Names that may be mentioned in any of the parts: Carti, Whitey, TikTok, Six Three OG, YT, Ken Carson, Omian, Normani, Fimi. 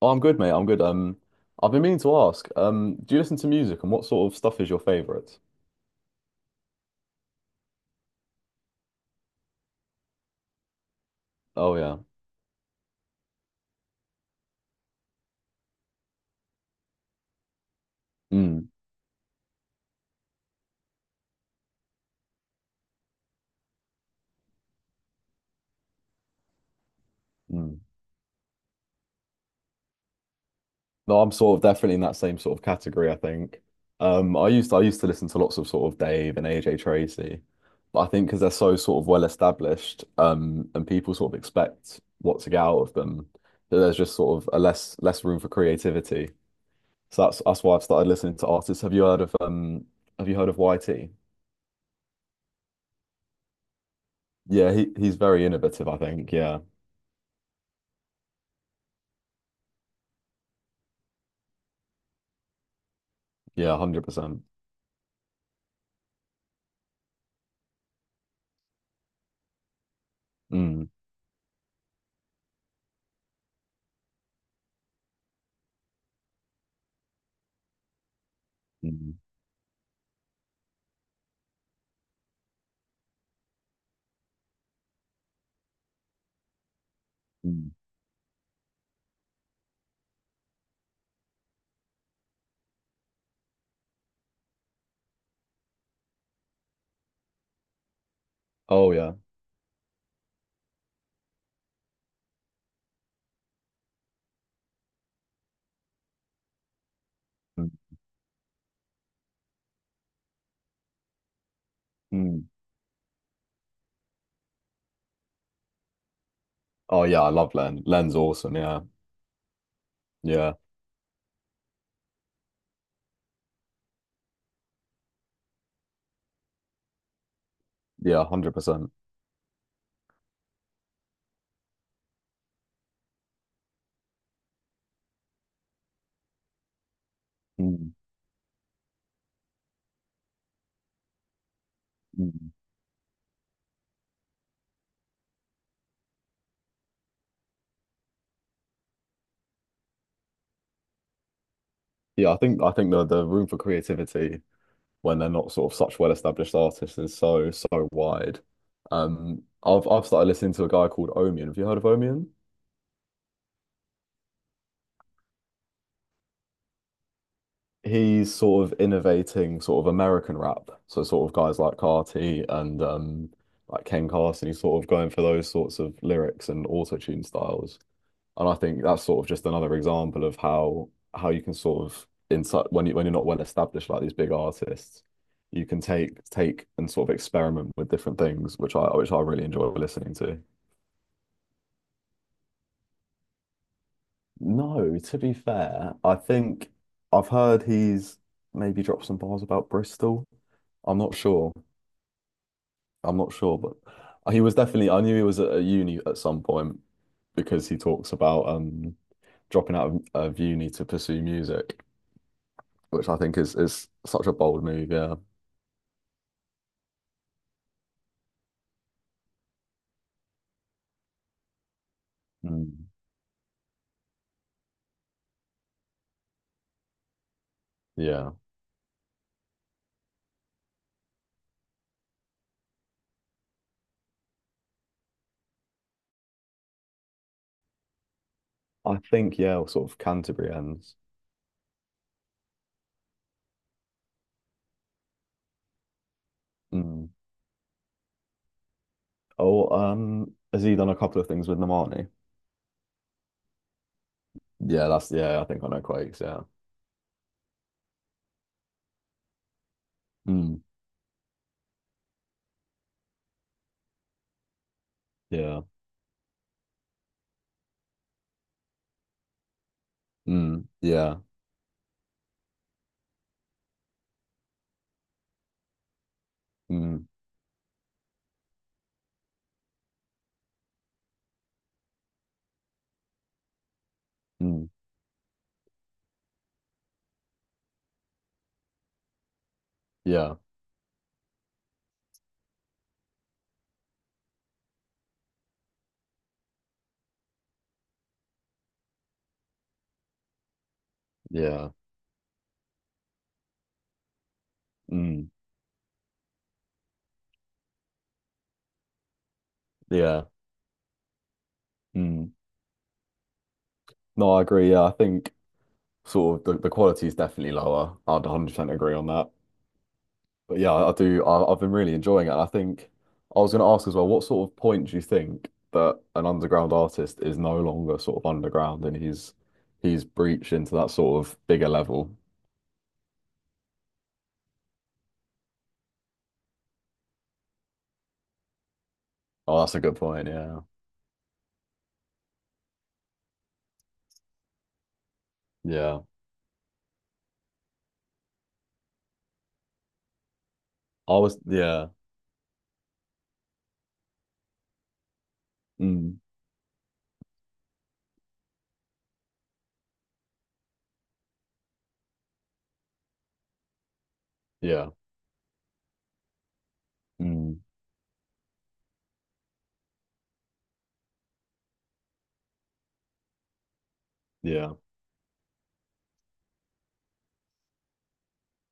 Oh, I'm good, mate. I'm good. I've been meaning to ask, do you listen to music, and what sort of stuff is your favorite? Oh yeah. Mm, mm. No, I'm sort of definitely in that same sort of category, I think. I used to listen to lots of sort of Dave and AJ Tracy, but I think because they're so sort of well established, and people sort of expect what to get out of them, that there's just sort of a less room for creativity. So that's why I've started listening to artists. Have you heard of have you heard of YT? Yeah, he's very innovative, I think. Yeah. Yeah, 100%. Mm, mm, mm. Oh, yeah. Mm, mm. Oh, yeah, I love Len. Len's awesome. Yeah. Yeah. Yeah, 100%. Mm, mm. Yeah, I think the room for creativity when they're not sort of such well-established artists is so wide. I've started listening to a guy called Omian. Have you heard of Omian? He's sort of innovating sort of American rap. So sort of guys like Carti and like Ken Carson, he's sort of going for those sorts of lyrics and auto-tune styles. And I think that's sort of just another example of how you can sort of inside when you when you're not well established like these big artists, you can take and sort of experiment with different things, which I really enjoy listening to. No, to be fair, I think I've heard he's maybe dropped some bars about Bristol. I'm not sure. I'm not sure, but he was definitely. I knew he was at a uni at some point because he talks about dropping out of uni to pursue music, which I think is such a bold move. Yeah. Mm. Yeah. I think, yeah, sort of Canterbury ends. Mm. Oh, has he done a couple of things with Normani? Yeah, that's yeah. I think I know Quakes. Yeah. Mm. Yeah. Mm. Yeah. Mm. Mm. Yeah. Yeah. Mm. Yeah. Mm. No, I agree. Yeah, I think sort of the quality is definitely lower. I'd 100% agree on that. But yeah, I do. I've been really enjoying it. And I think I was going to ask as well, what sort of point do you think that an underground artist is no longer sort of underground and he's breached into that sort of bigger level? Oh, that's a good point. Yeah. Yeah. I was, yeah. Mm, yeah. Mm, yeah.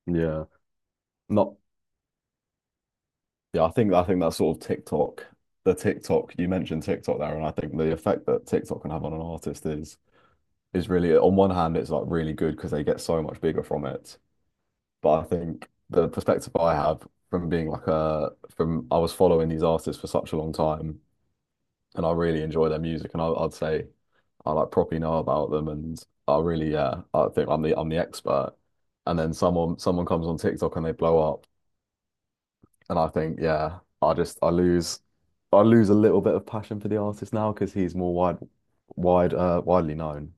Yeah. Not, yeah. I think that sort of TikTok, you mentioned TikTok there. And I think the effect that TikTok can have on an artist is really, on one hand, it's like really good because they get so much bigger from it. But I think the perspective I have from being like a from I was following these artists for such a long time, and I really enjoy their music, and I'd say I like properly know about them, and I really yeah I think I'm the expert. And then someone comes on TikTok and they blow up, and I think yeah I just I lose a little bit of passion for the artist now because he's more widely known.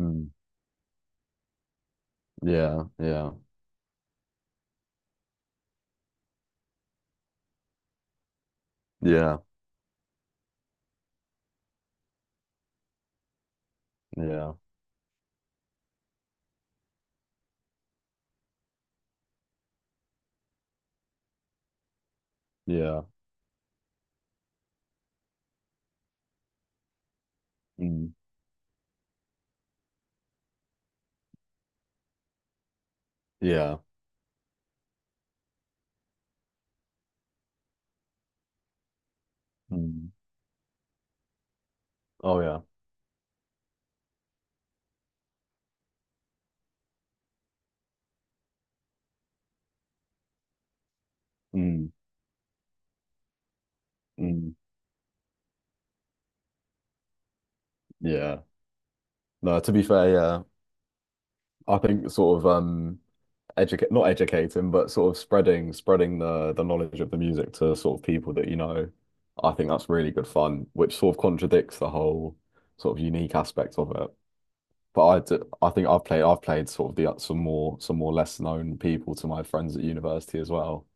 Mm. Yeah, yeah, yeah, yeah, yeah. Mm. Yeah. Mm. Oh yeah. Mm, mm, yeah. No, to be fair, yeah. I think sort of educate, not educating, but sort of spreading the knowledge of the music to sort of people that you know, I think that's really good fun, which sort of contradicts the whole sort of unique aspect of it. But I do, I think I've played sort of the some more less known people to my friends at university as well.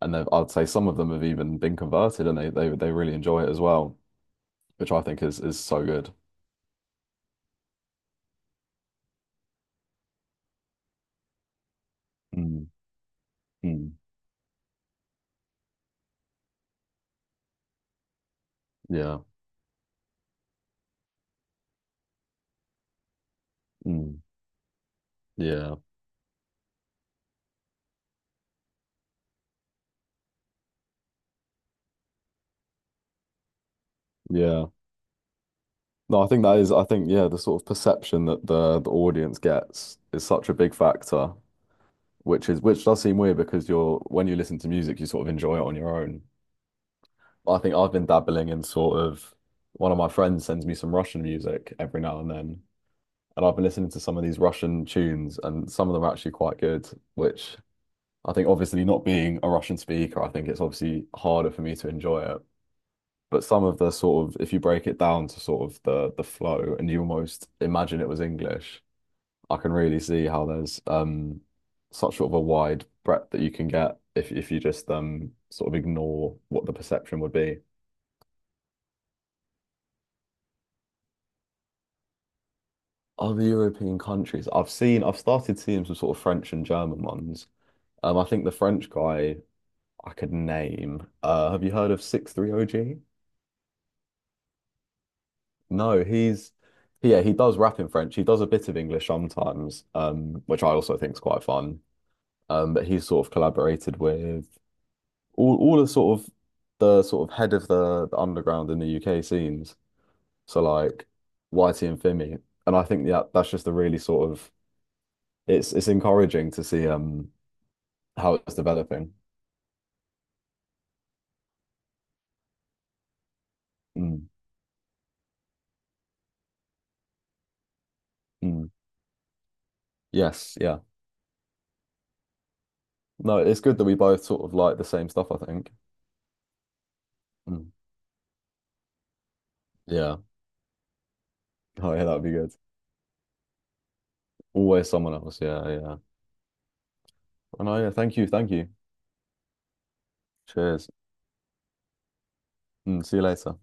And they've- I'd say some of them have even been converted and they they really enjoy it as well, which I think is so good. Mm, mm, yeah. Mm. Yeah, yeah. No, I think that is, I think, yeah, the sort of perception that the audience gets is such a big factor, which is which does seem weird because you're when you listen to music, you sort of enjoy it on your own. I think I've been dabbling in sort of one of my friends sends me some Russian music every now and then, and I've been listening to some of these Russian tunes, and some of them are actually quite good, which I think, obviously not being a Russian speaker, I think it's obviously harder for me to enjoy it. But some of the sort of if you break it down to sort of the flow and you almost imagine it was English, I can really see how there's such sort of a wide breadth that you can get if you just sort of ignore what the perception would be. Other European countries, I've seen, I've started seeing some sort of French and German ones. I think the French guy I could name. Have you heard of 63 OG? No, he's yeah, he does rap in French. He does a bit of English sometimes, which I also think is quite fun. Um, but he's sort of collaborated with all the sort of head of the underground in the UK scenes. So like Whitey and Fimi, and I think that that's just a really sort of it's encouraging to see how it's developing. Mm, mm. Yes, yeah. No, it's good that we both sort of like the same stuff, I think. Mm. Yeah. Oh, yeah, that would be good. Always someone else. Yeah, yeah. Oh, no, yeah. Thank you. Thank you. Cheers. Mm, see you later.